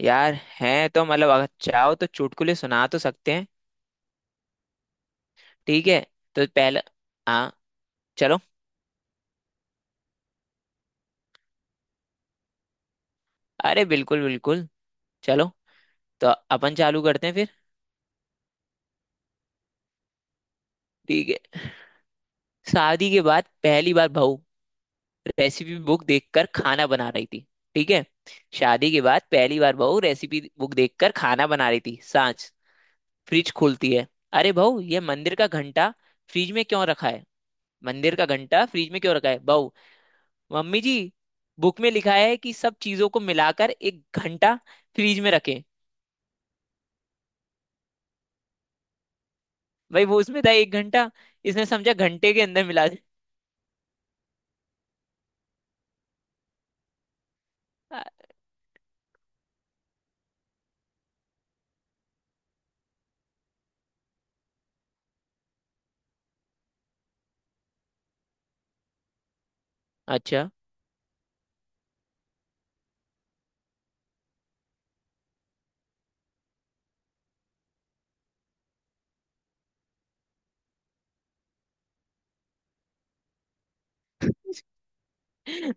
यार हैं तो मतलब अगर चाहो तो चुटकुले सुना तो सकते हैं। ठीक है। तो पहले हाँ चलो। अरे बिल्कुल बिल्कुल। चलो तो अपन चालू करते हैं फिर। ठीक है। शादी के बाद पहली बार बहू रेसिपी बुक देखकर खाना बना रही थी। ठीक है। शादी के बाद पहली बार बहू रेसिपी बुक देखकर खाना बना रही थी सांच। फ्रिज खोलती है। अरे बहू ये मंदिर का घंटा फ्रिज में क्यों रखा है? मंदिर का घंटा फ्रिज में क्यों रखा है बहू? मम्मी जी बुक में लिखा है कि सब चीजों को मिलाकर एक घंटा फ्रीज में रखें। भाई वो उसमें था एक घंटा। इसने समझा घंटे के अंदर मिला दे। अ- अच्छा।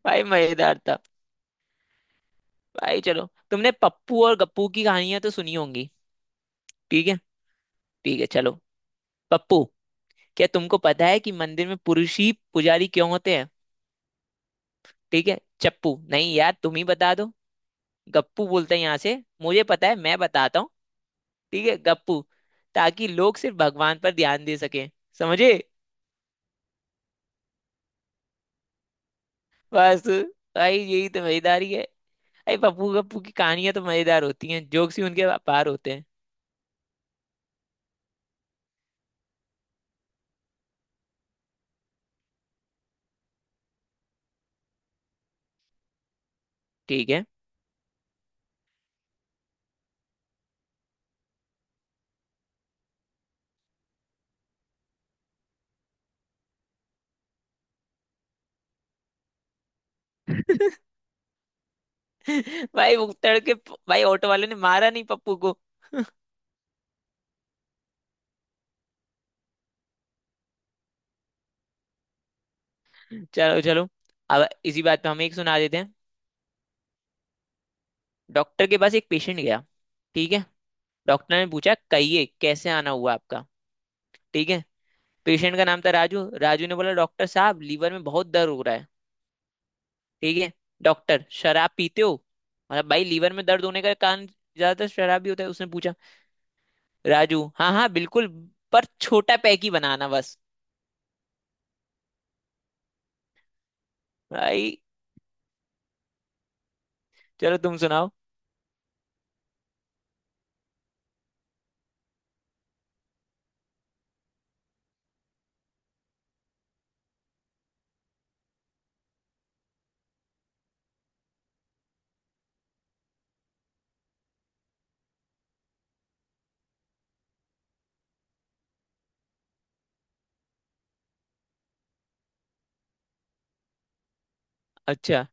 भाई मजेदार था। भाई चलो तुमने पप्पू और गप्पू की कहानियां तो सुनी होंगी। ठीक है। ठीक है चलो। पप्पू क्या तुमको पता है कि मंदिर में पुरुष ही पुजारी क्यों होते हैं? ठीक है चप्पू नहीं यार तुम ही बता दो। गप्पू बोलते हैं यहाँ से मुझे पता है मैं बताता हूँ। ठीक है गप्पू ताकि लोग सिर्फ भगवान पर ध्यान दे सकें। समझे। बस। भाई यही तो मजेदारी है। भाई पप्पू गप्पू की कहानियां तो मजेदार होती हैं जोक्स ही उनके पार होते हैं। ठीक है। भाई वो तड़के। भाई ऑटो वाले ने मारा नहीं पप्पू को। चलो चलो अब इसी बात पे हम एक सुना देते हैं। डॉक्टर के पास एक पेशेंट गया। ठीक है। डॉक्टर ने पूछा कहिए कैसे आना हुआ आपका। ठीक है। पेशेंट का नाम था राजू। राजू ने बोला डॉक्टर साहब लीवर में बहुत दर्द हो रहा है। ठीक है। डॉक्टर शराब पीते हो? मतलब भाई लीवर में दर्द होने का कारण ज्यादातर शराब ही होता है उसने पूछा। राजू हाँ हाँ बिल्कुल पर छोटा पैक ही बनाना बस। भाई चलो तुम सुनाओ। अच्छा।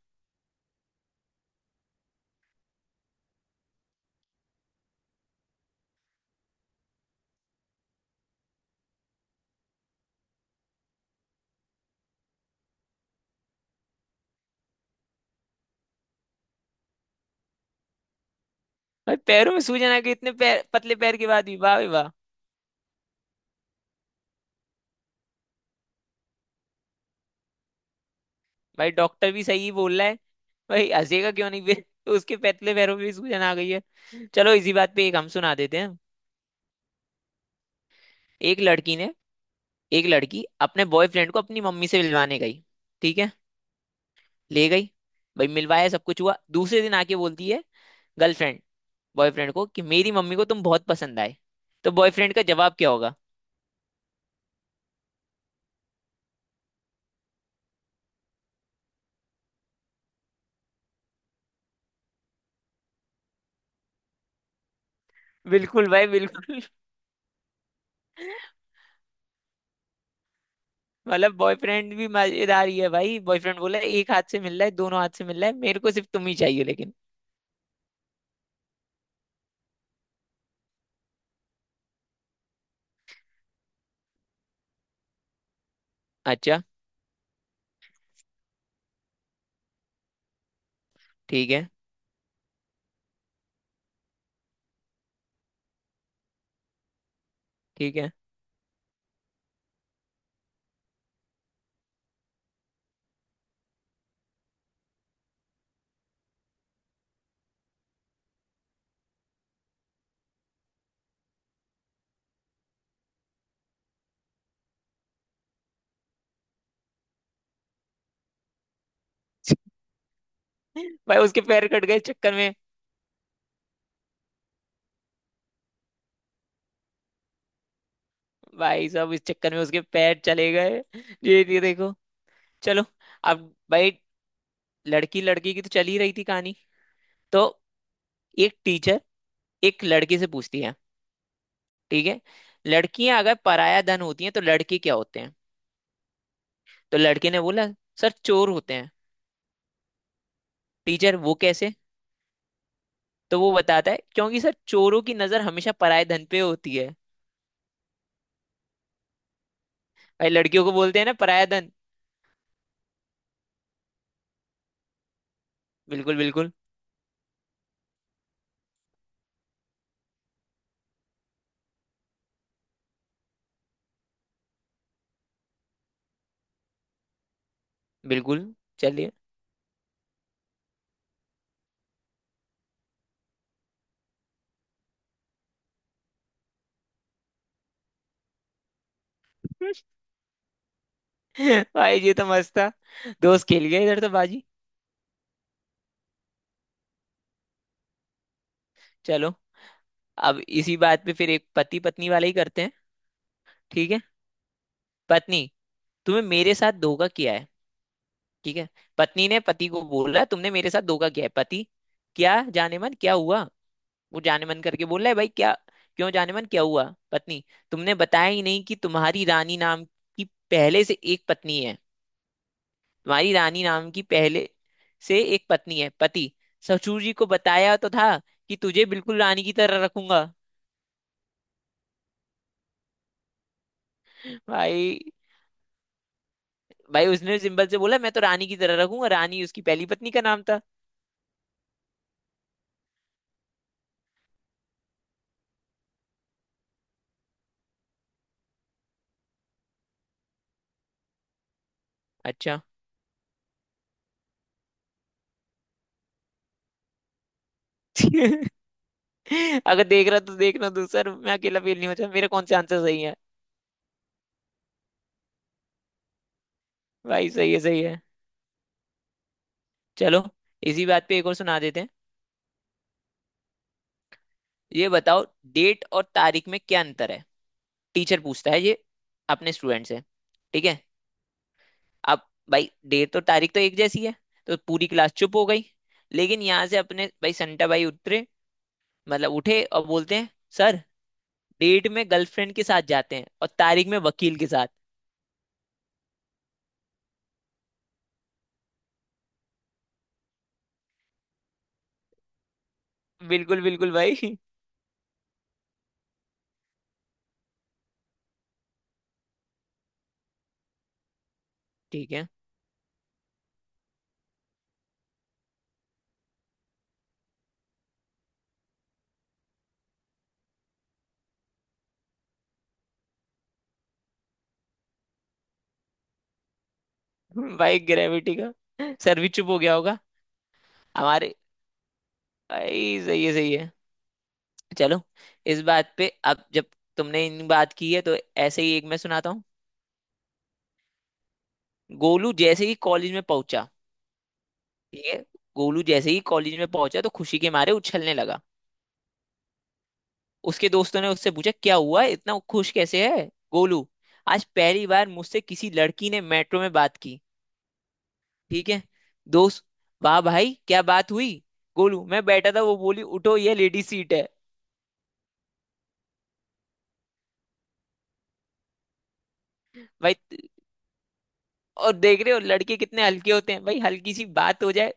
भाई पैरों में सूजन आ गई, इतने पैर पतले पैर के बाद भी, वाह भाई वाह। भाई डॉक्टर भी सही बोल रहा है। भाई हंसेगा क्यों नहीं फिर। उसके पतले पैरों में भी सूजन आ गई है। चलो इसी बात पे एक हम सुना देते हैं। एक लड़की ने, एक लड़की अपने बॉयफ्रेंड को अपनी मम्मी से मिलवाने गई। ठीक है। ले गई। भाई मिलवाया सब कुछ हुआ दूसरे दिन आके बोलती है गर्लफ्रेंड बॉयफ्रेंड को कि मेरी मम्मी को तुम बहुत पसंद आए। तो बॉयफ्रेंड का जवाब क्या होगा? बिल्कुल भाई बिल्कुल। मतलब बॉयफ्रेंड भी मजेदार ही है। भाई बॉयफ्रेंड बोला एक हाथ से मिल रहा है दोनों हाथ से मिल रहा है, मेरे को सिर्फ तुम ही चाहिए लेकिन। अच्छा। ठीक है। ठीक है। भाई उसके पैर कट गए इस चक्कर में। भाई साहब इस चक्कर में उसके पैर चले गए। ये देखो। चलो अब भाई लड़की लड़की की तो चल ही रही थी कहानी। तो एक टीचर एक लड़की से पूछती है। ठीक है। लड़कियां अगर पराया धन होती हैं तो लड़के क्या होते हैं? तो लड़के ने बोला सर चोर होते हैं। टीचर वो कैसे? तो वो बताता है क्योंकि सर चोरों की नजर हमेशा पराया धन पे होती है। भाई लड़कियों को बोलते हैं ना पराया धन। बिल्कुल बिल्कुल बिल्कुल। चलिए। भाई ये तो मस्त था। दोस्त खेल गया इधर तो बाजी। चलो अब इसी बात पे फिर एक पति पत्नी वाला ही करते हैं। ठीक है। पत्नी, तुम्हें मेरे साथ धोखा किया है। ठीक है। पत्नी ने पति को बोला तुमने मेरे साथ धोखा किया है। पति, क्या जाने मन क्या हुआ? वो जाने मन करके बोल रहा है भाई। क्या? क्यों जाने मन क्या हुआ? पत्नी, तुमने बताया ही नहीं कि तुम्हारी रानी नाम की पहले से एक पत्नी है। तुम्हारी रानी नाम की पहले से एक पत्नी है। पति, ससुर जी को बताया तो था कि तुझे बिल्कुल रानी की तरह रखूंगा। भाई, भाई उसने सिंपल से बोला मैं तो रानी की तरह रखूंगा। रानी उसकी पहली पत्नी का नाम था। अच्छा। अगर देख रहा तो देखना तू सर, मैं अकेला फील नहीं होता, मेरे कौन से आंसर सही है। भाई सही है सही है। चलो इसी बात पे एक और सुना देते हैं। ये बताओ डेट और तारीख में क्या अंतर है? टीचर पूछता है ये अपने स्टूडेंट से। ठीक है। अब भाई डेट और तारीख तो एक जैसी है। तो पूरी क्लास चुप हो गई। लेकिन यहाँ से अपने भाई संटा भाई उतरे, मतलब उठे और बोलते हैं सर डेट में गर्लफ्रेंड के साथ जाते हैं और तारीख में वकील के साथ। बिल्कुल बिल्कुल भाई। ठीक है। भाई ग्रेविटी का सर भी चुप हो गया होगा। हमारे भाई सही है सही है। चलो इस बात पे अब जब तुमने इन बात की है तो ऐसे ही एक मैं सुनाता हूँ। गोलू जैसे ही कॉलेज में पहुंचा। ठीक है। गोलू जैसे ही कॉलेज में पहुंचा तो खुशी के मारे उछलने लगा। उसके दोस्तों ने उससे पूछा क्या हुआ इतना खुश कैसे है? गोलू, आज पहली बार मुझसे किसी लड़की ने मेट्रो में बात की। ठीक है। दोस्त, वाह भाई क्या बात हुई। गोलू, मैं बैठा था वो बोली उठो ये लेडी सीट है। भाई और देख रहे हो लड़के कितने हल्के होते हैं, भाई हल्की सी बात हो जाए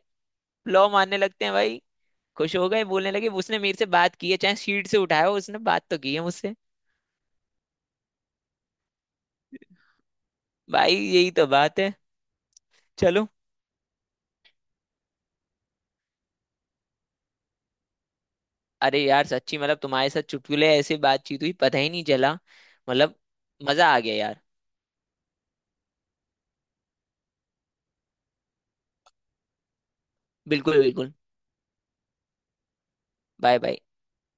लौ मारने लगते हैं भाई। खुश हो गए, बोलने लगे उसने मेरे से बात की है, चाहे सीट से उठाया हो उसने बात तो की है मुझसे। भाई यही तो बात है। चलो, अरे यार सच्ची मतलब तुम्हारे साथ चुटकुले ऐसे बातचीत हुई पता ही नहीं चला मतलब। मजा आ गया यार। बिल्कुल बिल्कुल। Bye bye.